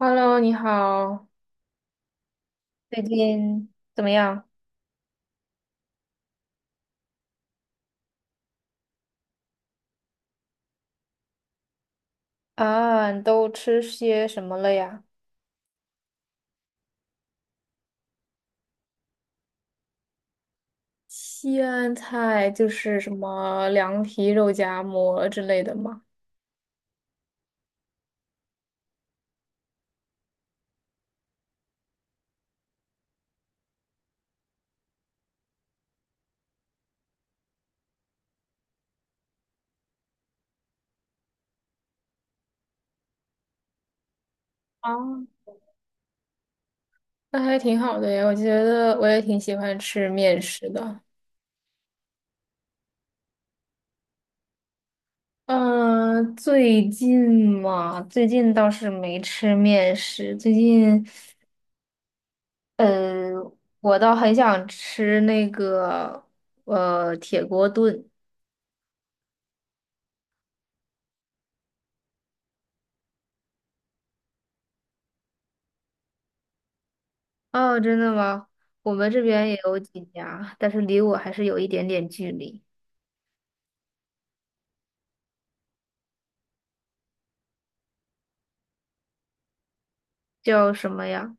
Hello，你好。最近怎么样？啊，你都吃些什么了呀？西安菜就是什么凉皮、肉夹馍之类的嘛，啊，那还挺好的呀。我觉得我也挺喜欢吃面食的。嗯，最近嘛，最近倒是没吃面食。最近，呃，我倒很想吃那个铁锅炖。哦，真的吗？我们这边也有几家，但是离我还是有一点点距离。叫什么呀？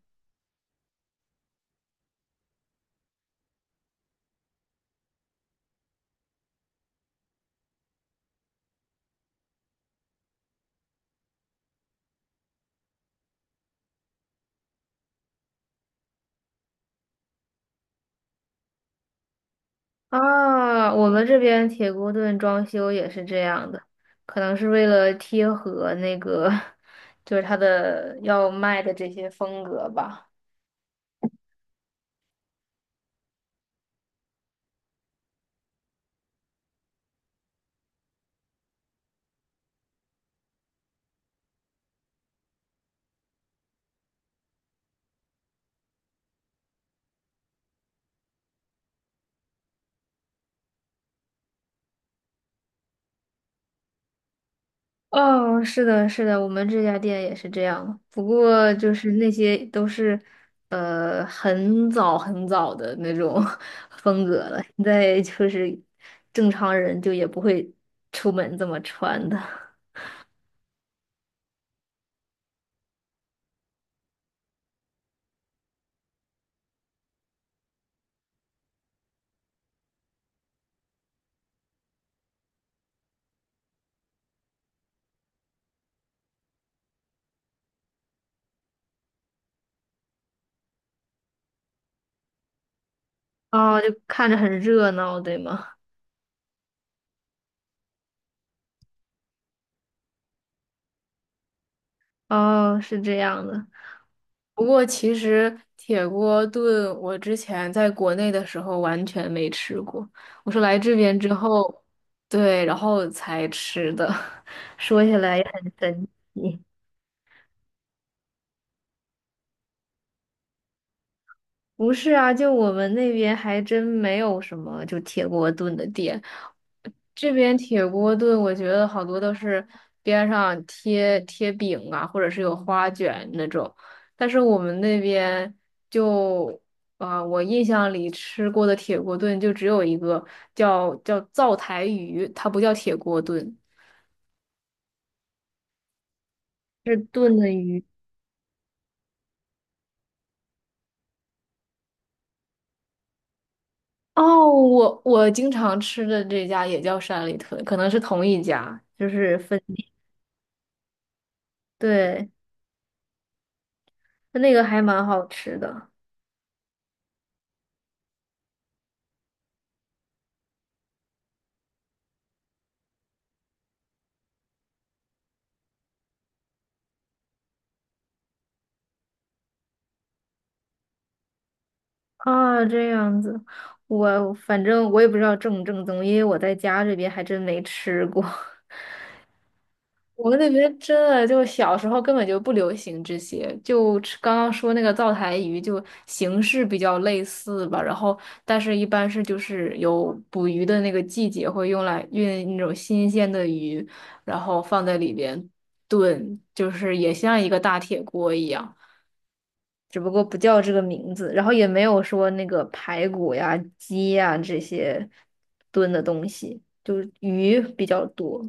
啊，我们这边铁锅炖装修也是这样的，可能是为了贴合那个，就是它的要卖的这些风格吧。哦，是的，是的，我们这家店也是这样。不过就是那些都是，很早很早的那种 风格了。现在就是正常人就也不会出门这么穿的。哦，就看着很热闹，对吗？哦，是这样的。不过其实铁锅炖，我之前在国内的时候完全没吃过，我是来这边之后，对，然后才吃的。说起来也很神奇。不是啊，就我们那边还真没有什么就铁锅炖的店，这边铁锅炖，我觉得好多都是边上贴贴饼啊，或者是有花卷那种。但是我们那边就啊、我印象里吃过的铁锅炖就只有一个叫灶台鱼，它不叫铁锅炖，是炖的鱼。哦，我经常吃的这家也叫山里屯，可能是同一家，就是分，对，那个还蛮好吃的。啊，这样子，我反正我也不知道正不正宗，因为我在家这边还真没吃过。我们那边真的就小时候根本就不流行这些，就吃刚刚说那个灶台鱼，就形式比较类似吧。然后，但是一般是就是有捕鱼的那个季节会用来运那种新鲜的鱼，然后放在里边炖，就是也像一个大铁锅一样。只不过不叫这个名字，然后也没有说那个排骨呀、鸡呀这些炖的东西，就是鱼比较多。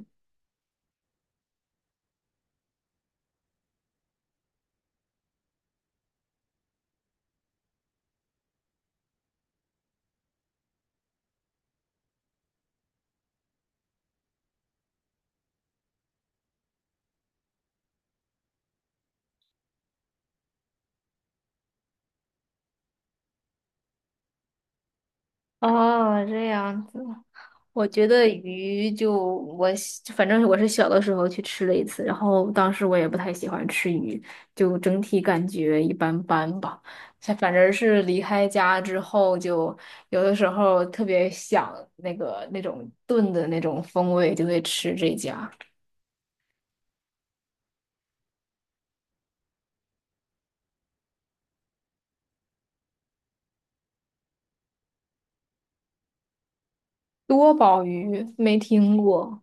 哦，这样子，我觉得鱼就我喜反正我是小的时候去吃了一次，然后当时我也不太喜欢吃鱼，就整体感觉一般般吧。像反正是离开家之后，就有的时候特别想那个那种炖的那种风味，就会吃这家。多宝鱼没听过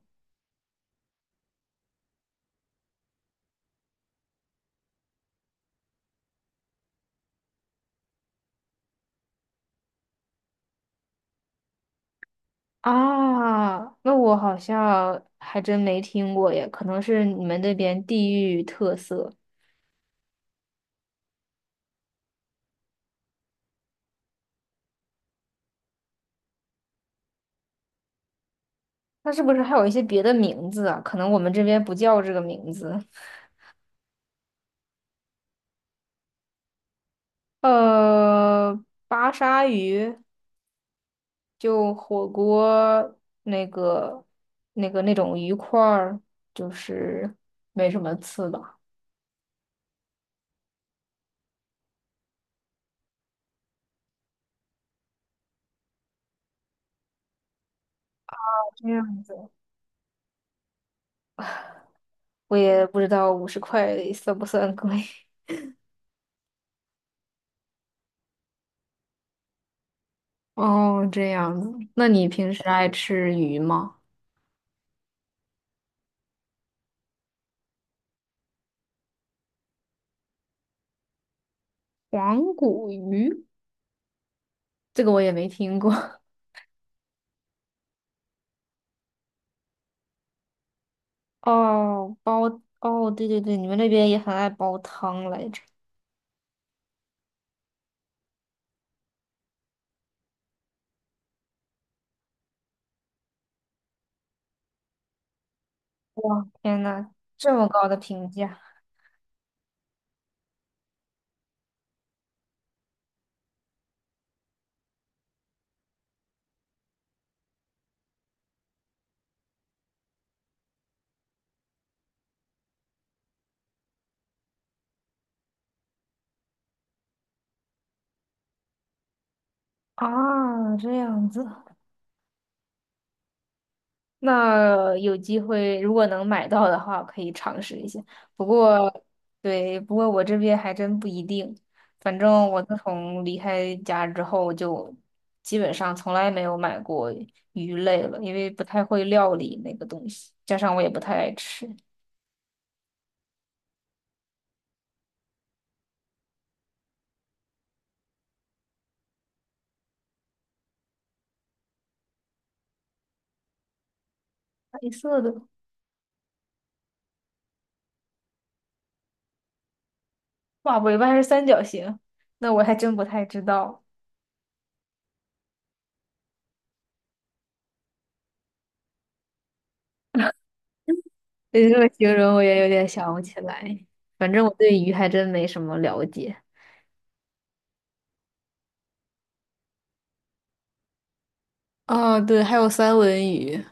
啊，那我好像还真没听过耶，可能是你们那边地域特色。那是不是还有一些别的名字啊？可能我们这边不叫这个名字。呃，巴沙鱼就火锅那个那个那种鱼块儿，就是没什么刺吧。这样子，我也不知道50块算不算贵。哦，这样子。那你平时爱吃鱼吗？黄骨鱼。这个我也没听过。哦，煲，哦，对对对，你们那边也很爱煲汤来着。哇，天呐，这么高的评价啊，这样子。那有机会，如果能买到的话，可以尝试一下。不过，对，不过我这边还真不一定。反正我自从离开家之后，就基本上从来没有买过鱼类了，因为不太会料理那个东西，加上我也不太爱吃。白色的，哇，尾巴还是三角形，那我还真不太知道。你这么形容，我也有点想不起来。反正我对鱼还真没什么了解。啊，对，还有三文鱼。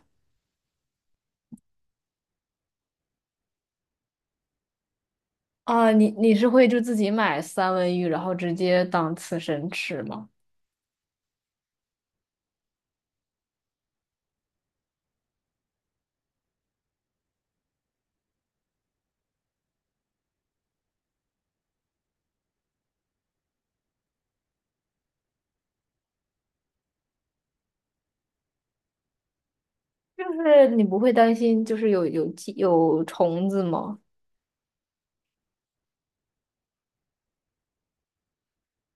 啊，你是会就自己买三文鱼，然后直接当刺身吃吗？就是你不会担心就是有虫子吗？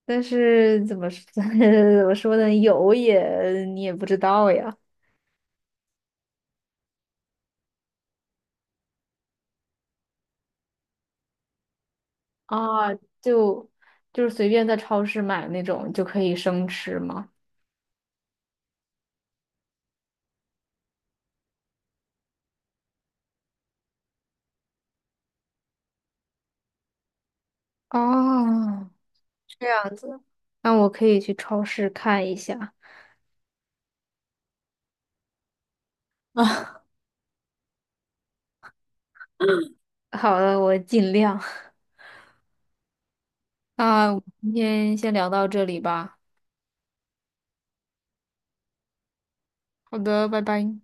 但是怎么说 怎么说呢，有也你也不知道呀。啊，就就是随便在超市买那种就可以生吃吗？哦，这样子，那我可以去超市看一下。啊，好的，我尽量。那我们今天先聊到这里吧。好的，拜拜。